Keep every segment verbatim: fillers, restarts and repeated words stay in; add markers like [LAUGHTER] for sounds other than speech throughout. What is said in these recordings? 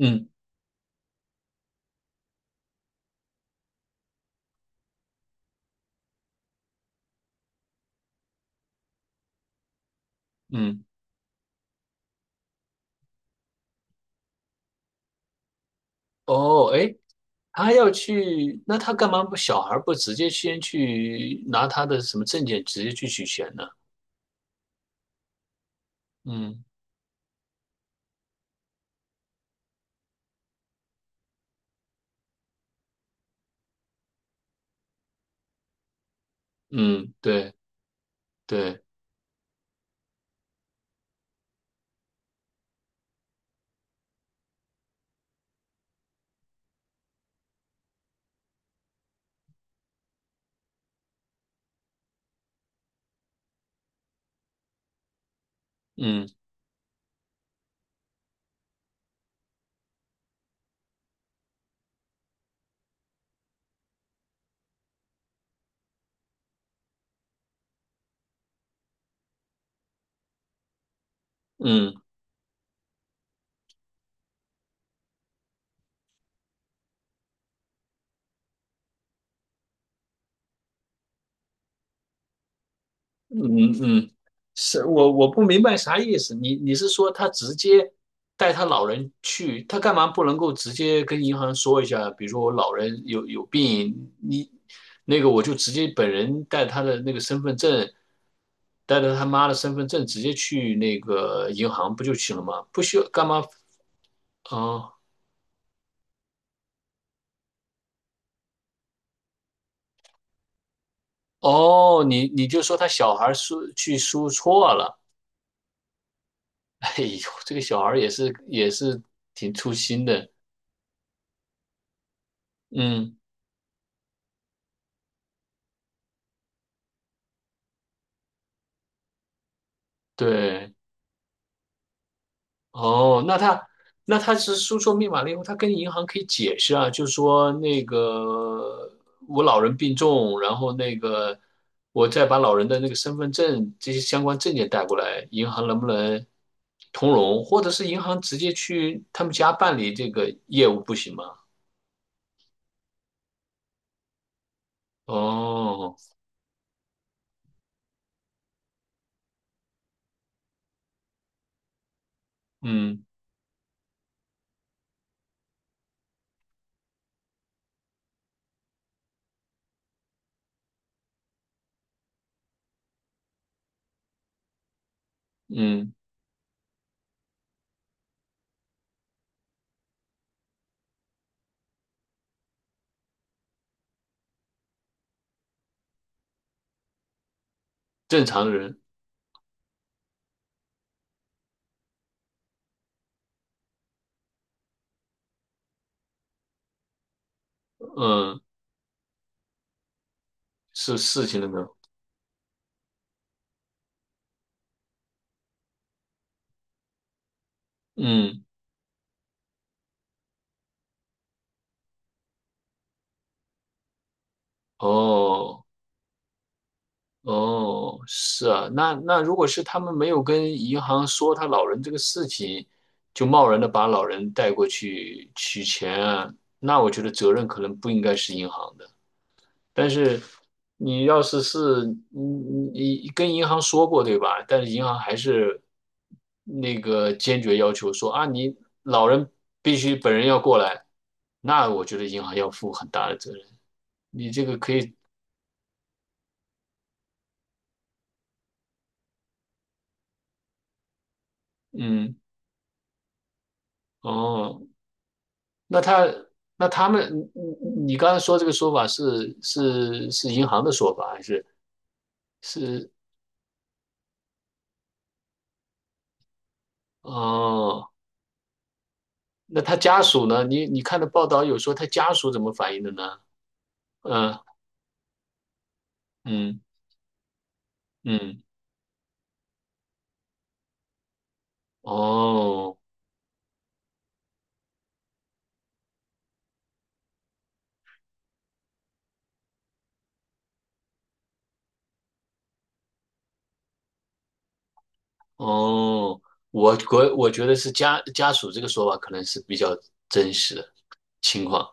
嗯嗯，哦，哎，他要去，那他干嘛不小孩儿不直接先去拿他的什么证件直接去取钱呢？嗯嗯，对对，嗯嗯嗯嗯，是我我不明白啥意思。你你是说他直接带他老人去，他干嘛不能够直接跟银行说一下？比如说我老人有有病，你那个我就直接本人带他的那个身份证。带着他妈的身份证直接去那个银行不就行了吗？不需要干嘛？哦哦，你你就说他小孩输去输错了。[LAUGHS] 哎呦，这个小孩也是也是挺粗心的。嗯，对。哦，那他那他是输错密码了以后，他跟银行可以解释啊，就说那个我老人病重，然后那个我再把老人的那个身份证这些相关证件带过来，银行能不能通融，或者是银行直接去他们家办理这个业务不行吗？哦，嗯嗯，正常人，嗯，是事情了没有？嗯，哦。哦，是啊，那那如果是他们没有跟银行说他老人这个事情，就贸然的把老人带过去取钱啊，那我觉得责任可能不应该是银行的。但是你要是是你你跟银行说过对吧？但是银行还是那个坚决要求说啊，你老人必须本人要过来，那我觉得银行要负很大的责任。你这个可以，嗯，哦，那他那他们，你你刚才说这个说法是是是银行的说法，还是是哦？那他家属呢？你你看的报道有说他家属怎么反应的呢？嗯嗯嗯，哦。哦，我我我觉得是家家属这个说法可能是比较真实的情况，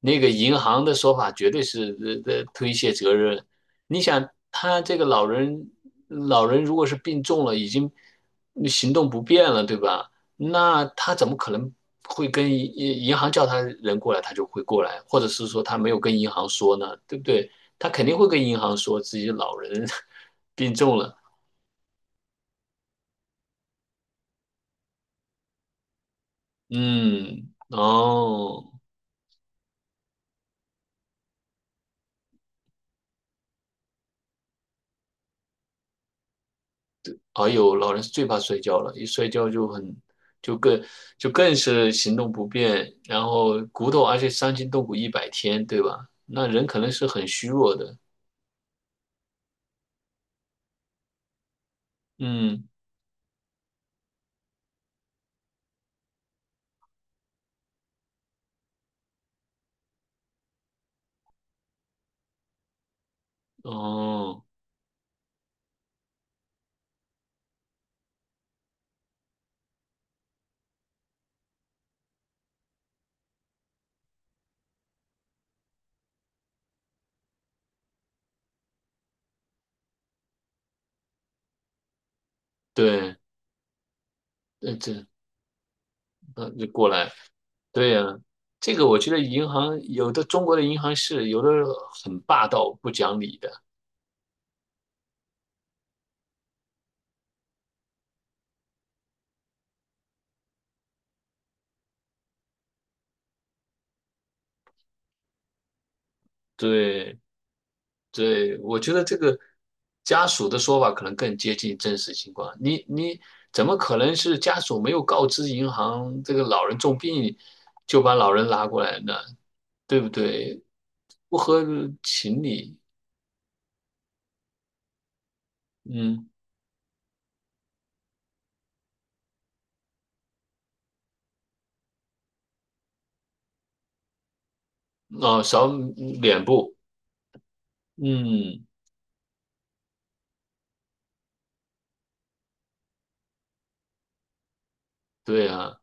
那个银行的说法绝对是呃呃推卸责任。你想，他这个老人老人如果是病重了，已经行动不便了，对吧？那他怎么可能会跟银银行叫他人过来，他就会过来，或者是说他没有跟银行说呢，对不对？他肯定会跟银行说自己老人 [LAUGHS] 病重了。嗯，哦，哎呦，老人是最怕摔跤了，一摔跤就很，就更就更是行动不便，然后骨头，而且伤筋动骨一百天，对吧？那人可能是很虚弱的。嗯，哦，对，对这那就过来，对呀、这个我觉得银行有的中国的银行是有的很霸道不讲理的，对，对，我觉得这个家属的说法可能更接近真实情况。你你怎么可能是家属没有告知银行这个老人重病，就把老人拉过来呢？对不对？不合情理。嗯，哦，扫脸部。嗯，对啊，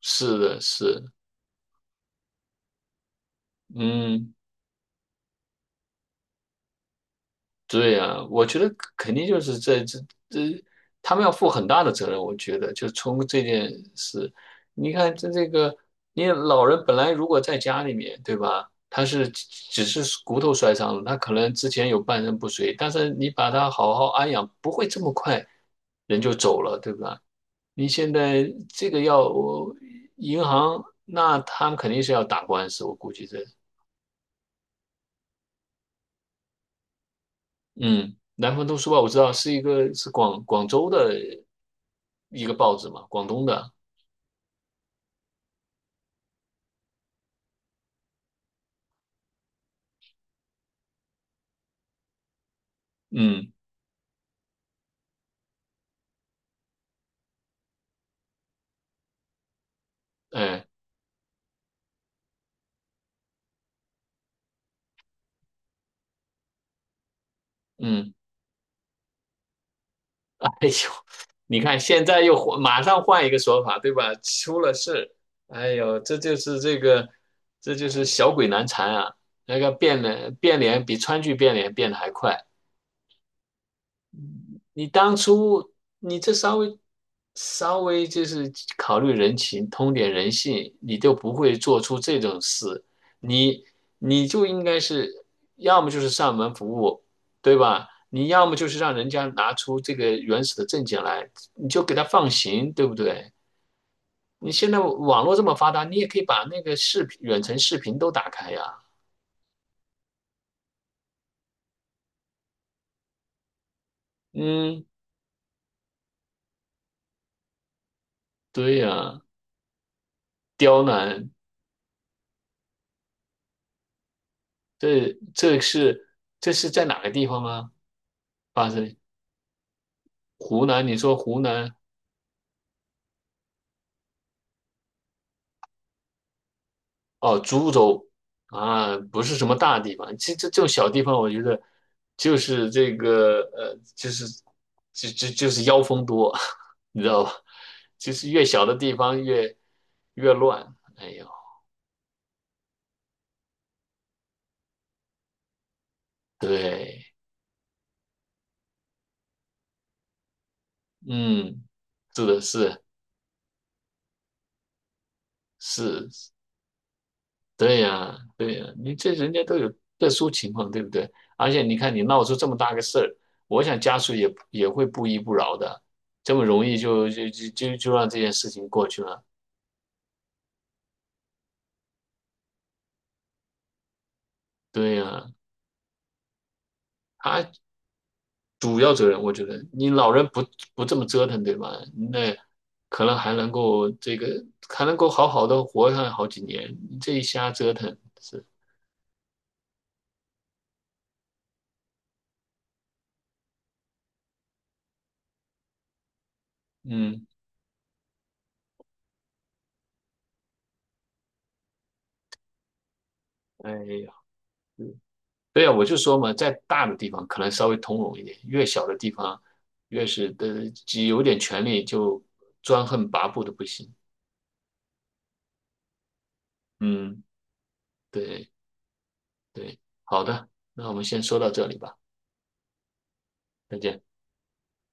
是的，是，嗯。对呀，我觉得肯定就是这这这，他们要负很大的责任。我觉得，就从这件事，你看这这个，你老人本来如果在家里面，对吧？他是只是骨头摔伤了，他可能之前有半身不遂，但是你把他好好安养，不会这么快人就走了，对吧？你现在这个要我银行，那他们肯定是要打官司，我估计这。嗯，南方都市报我知道是一个是广广州的一个报纸嘛，广东的，嗯，哎，嗯，[LAUGHS] 哎呦，你看现在又换，马上换一个说法，对吧？出了事，哎呦，这就是这个，这就是小鬼难缠啊！那个变脸变脸比川剧变脸变得还快。你当初你这稍微稍微就是考虑人情，通点人性，你就不会做出这种事。你你就应该是要么就是上门服务，对吧？你要么就是让人家拿出这个原始的证件来，你就给他放行，对不对？你现在网络这么发达，你也可以把那个视频、远程视频都打开呀。嗯，对呀，刁难，这这是这是在哪个地方啊？发生？湖南，你说湖南哦，株洲啊，不是什么大地方，这这这种小地方，我觉得就是这个呃，就是就就就是妖风多，[LAUGHS] 你知道吧？就是越小的地方越越乱。哎呦，对，嗯，是的，是是，对呀，对呀，你这人家都有特殊情况，对不对？而且你看，你闹出这么大个事儿，我想家属也也会不依不饶的，这么容易就就就就就让这件事情过去了。对呀，他主要责任，我觉得你老人不不这么折腾，对吧？那可能还能够这个还能够好好的活上好几年，你这一瞎折腾是，嗯，哎呀。对啊，我就说嘛，在大的地方可能稍微通融一点，越小的地方越是的，只有点权利就专横跋扈的不行。嗯，对对，好的，那我们先说到这里吧，再见。